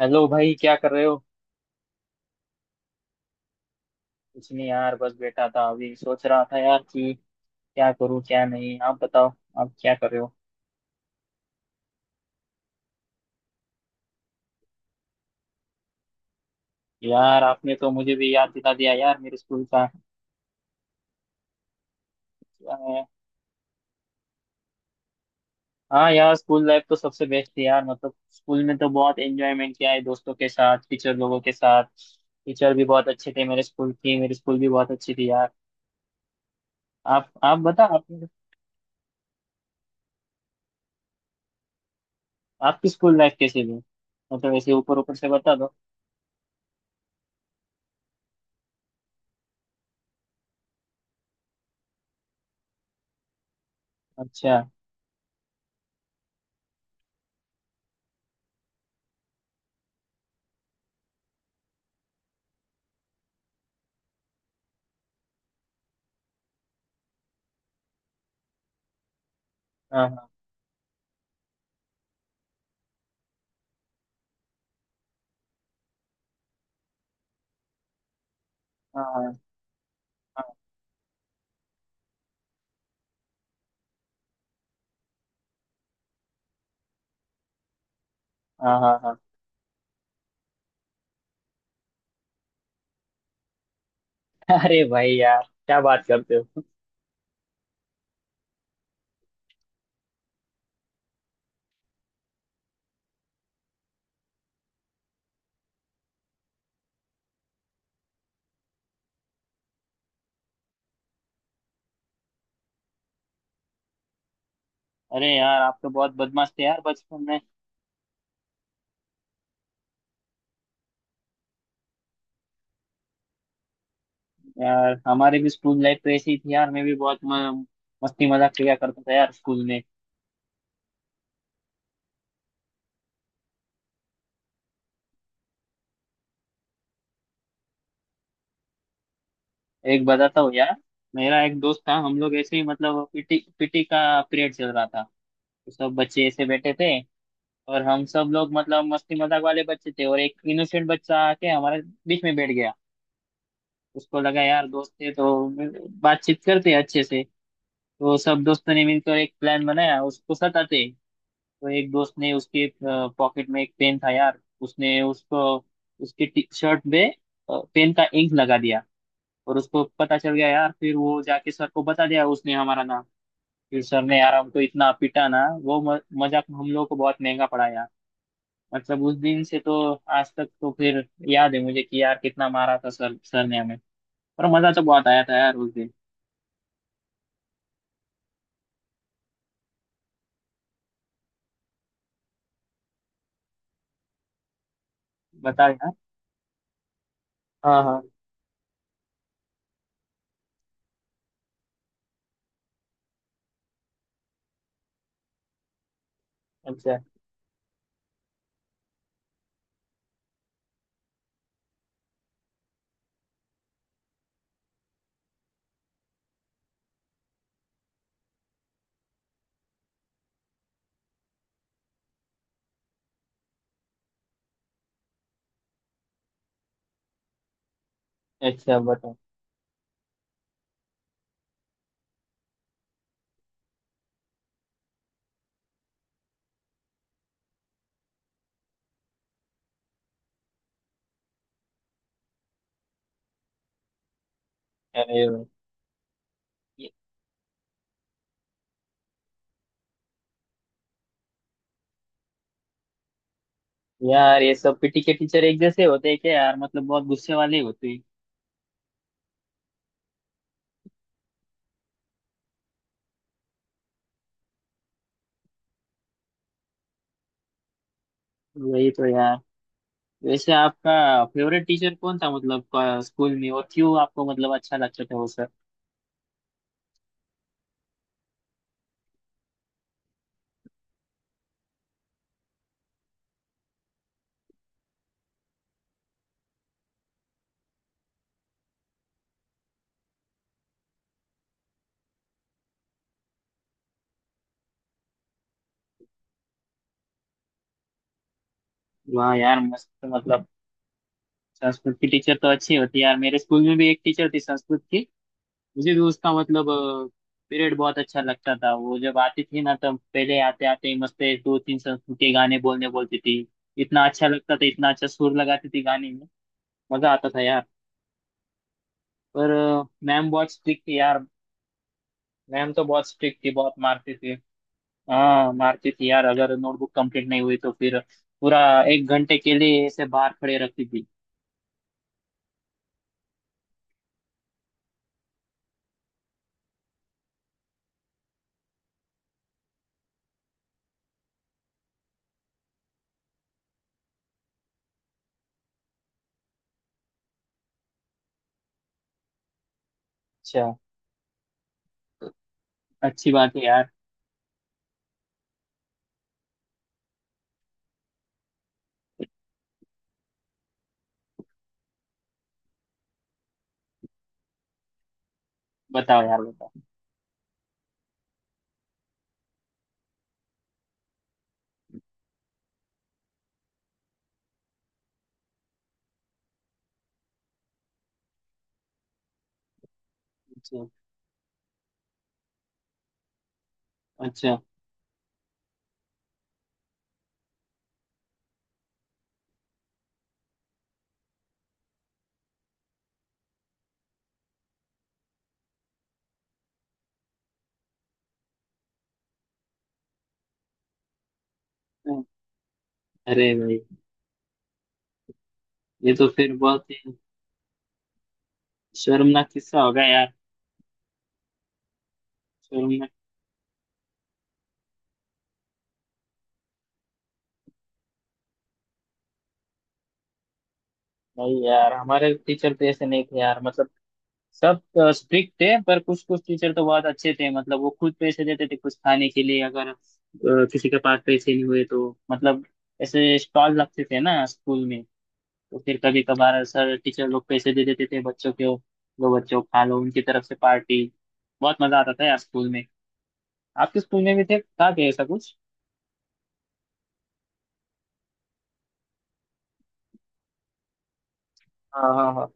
Hello भाई क्या कर रहे हो। कुछ नहीं यार, बस बैठा था। अभी सोच रहा था यार कि क्या करूं क्या नहीं। आप बताओ, आप क्या कर रहे हो। यार आपने तो मुझे भी याद दिला दिया यार मेरे स्कूल का। अ, हाँ यार, स्कूल लाइफ तो सबसे बेस्ट थी यार। मतलब स्कूल में तो बहुत एंजॉयमेंट किया है दोस्तों के साथ, टीचर लोगों के साथ। टीचर भी बहुत अच्छे थे मेरे स्कूल की। मेरी स्कूल भी बहुत अच्छी थी यार। आप बता आपकी स्कूल लाइफ कैसी थी। मतलब ऐसे ऊपर ऊपर से बता दो। अच्छा। हाँ हाँ हाँ हाँ। हाँ हाँ हाँ हाँ। अरे भाई यार, क्या बात करते हो। अरे यार, आप तो बहुत बदमाश थे यार बचपन में। यार हमारे भी स्कूल लाइफ तो ऐसी ही थी यार। मैं भी बहुत मस्ती मजाक किया करता था यार स्कूल में। एक बताता हूँ यार। मेरा एक दोस्त था। हम लोग ऐसे ही, मतलब पीटी पीटी का पीरियड चल रहा था। तो सब बच्चे ऐसे बैठे थे, और हम सब लोग मतलब मस्ती मजाक वाले बच्चे थे। और एक इनोसेंट बच्चा आके हमारे बीच में बैठ गया। उसको लगा यार दोस्त है तो बातचीत करते हैं अच्छे से। तो सब दोस्तों ने मिलकर एक प्लान बनाया उसको सताते। तो एक दोस्त ने, उसके पॉकेट में एक पेन था यार, उसने उसको उसकी टी शर्ट में पेन का इंक लगा दिया। और उसको पता चल गया यार। फिर वो जाके सर को बता दिया, उसने हमारा नाम। फिर सर ने यार हमको इतना पीटा ना, वो मजाक हम लोगों को बहुत महंगा पड़ा यार। मतलब उस दिन से तो आज तक तो फिर याद है मुझे कि यार कितना मारा था सर, सर ने हमें। पर मजा तो बहुत आया था यार उस दिन। बता यार। हाँ हाँ। अच्छा। अच्छा बताओ। अरे वाह। यार ये सब पीटी के टीचर एक जैसे होते हैं क्या यार, मतलब बहुत गुस्से वाले होते हैं। वही तो यार। वैसे आपका फेवरेट टीचर कौन था, मतलब स्कूल में, और क्यों आपको मतलब अच्छा लगता था वो सर। वाह यार मस्त। तो मतलब संस्कृत की टीचर तो अच्छी होती है यार। मेरे स्कूल में भी एक टीचर थी संस्कृत की। मुझे भी उसका मतलब पीरियड बहुत अच्छा लगता था। वो जब आती थी ना, तब पहले आते आते ही मस्त एक दो तीन संस्कृत के गाने बोलने बोलती थी। इतना अच्छा लगता था, इतना अच्छा सुर लगाती थी गाने में। मजा आता था यार। पर मैम बहुत स्ट्रिक्ट थी यार। मैम तो बहुत स्ट्रिक्ट थी, बहुत मारती थी। हाँ मारती थी यार। अगर नोटबुक कंप्लीट नहीं हुई तो फिर पूरा एक घंटे के लिए ऐसे बाहर खड़े रखती थी। अच्छा। अच्छी बात है यार। बताओ यार, बताओ। अच्छा। अच्छा। अरे भाई, ये तो फिर बहुत ही शर्मनाक किस्सा होगा यार। शर्मनाक। भाई यार हमारे टीचर तो ऐसे नहीं थे यार। मतलब सब स्ट्रिक्ट थे, पर कुछ कुछ टीचर तो बहुत अच्छे थे। मतलब वो खुद पैसे देते थे कुछ खाने के लिए अगर किसी के पास पैसे नहीं हुए तो। मतलब ऐसे स्टॉल लगते थे ना स्कूल में, तो फिर कभी कभार सर टीचर लोग पैसे दे देते थे बच्चों को। लो बच्चों खा लो, उनकी तरफ से पार्टी। बहुत मजा आता था यार स्कूल में। आपके स्कूल में भी थे था क्या ऐसा कुछ। हाँ हाँ हाँ।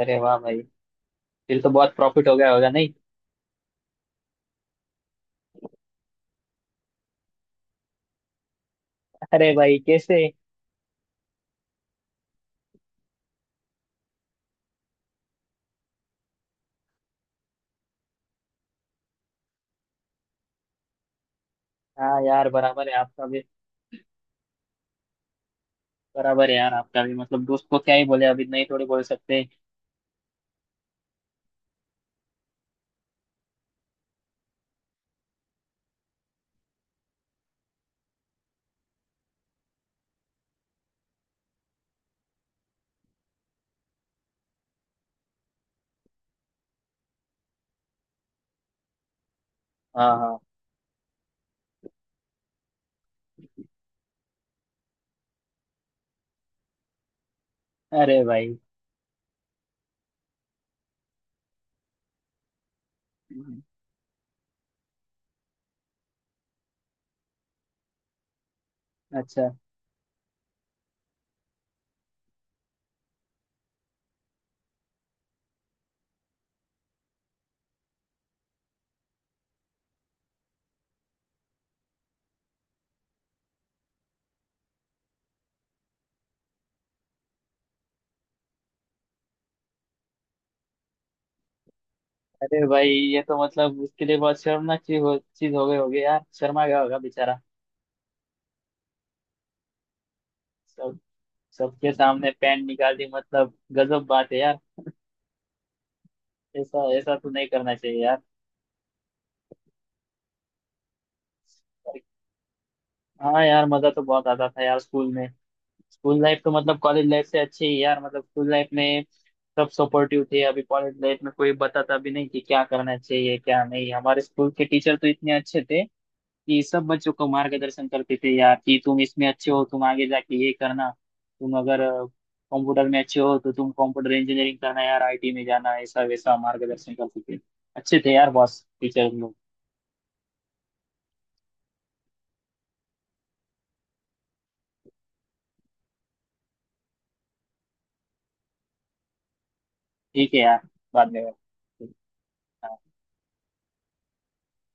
अरे वाह भाई। फिर तो बहुत प्रॉफिट हो गया होगा नहीं। अरे भाई कैसे। हाँ यार, बराबर है आपका भी। बराबर है यार आपका भी। मतलब दोस्त को क्या ही बोले अब, इतना ही थोड़ी बोल सकते हैं। हाँ हाँ। अरे भाई। हम्म, अच्छा। अरे भाई ये तो मतलब उसके लिए बहुत शर्मनाक चीज हो गई होगी यार, शर्मा गया होगा बेचारा। सब सबके सामने पैंट निकाल दी, मतलब गजब बात है यार। ऐसा ऐसा तो नहीं करना चाहिए यार। हाँ यार, मजा तो बहुत आता था यार स्कूल में। स्कूल लाइफ तो मतलब कॉलेज लाइफ से अच्छी है यार। मतलब स्कूल लाइफ में सब सपोर्टिव थे। अभी कॉलेज लाइफ में कोई बताता भी नहीं कि क्या करना चाहिए क्या नहीं। हमारे स्कूल के टीचर तो इतने अच्छे थे कि सब बच्चों को मार्गदर्शन करते थे यार कि तुम इसमें अच्छे हो, तुम आगे जाके ये करना। तुम अगर कंप्यूटर में अच्छे हो तो तुम कंप्यूटर इंजीनियरिंग करना यार, आईटी में जाना, ऐसा वैसा मार्गदर्शन करते थे। अच्छे थे यार बॉस टीचर लोग। ठीक है यार, बाद में। हाँ।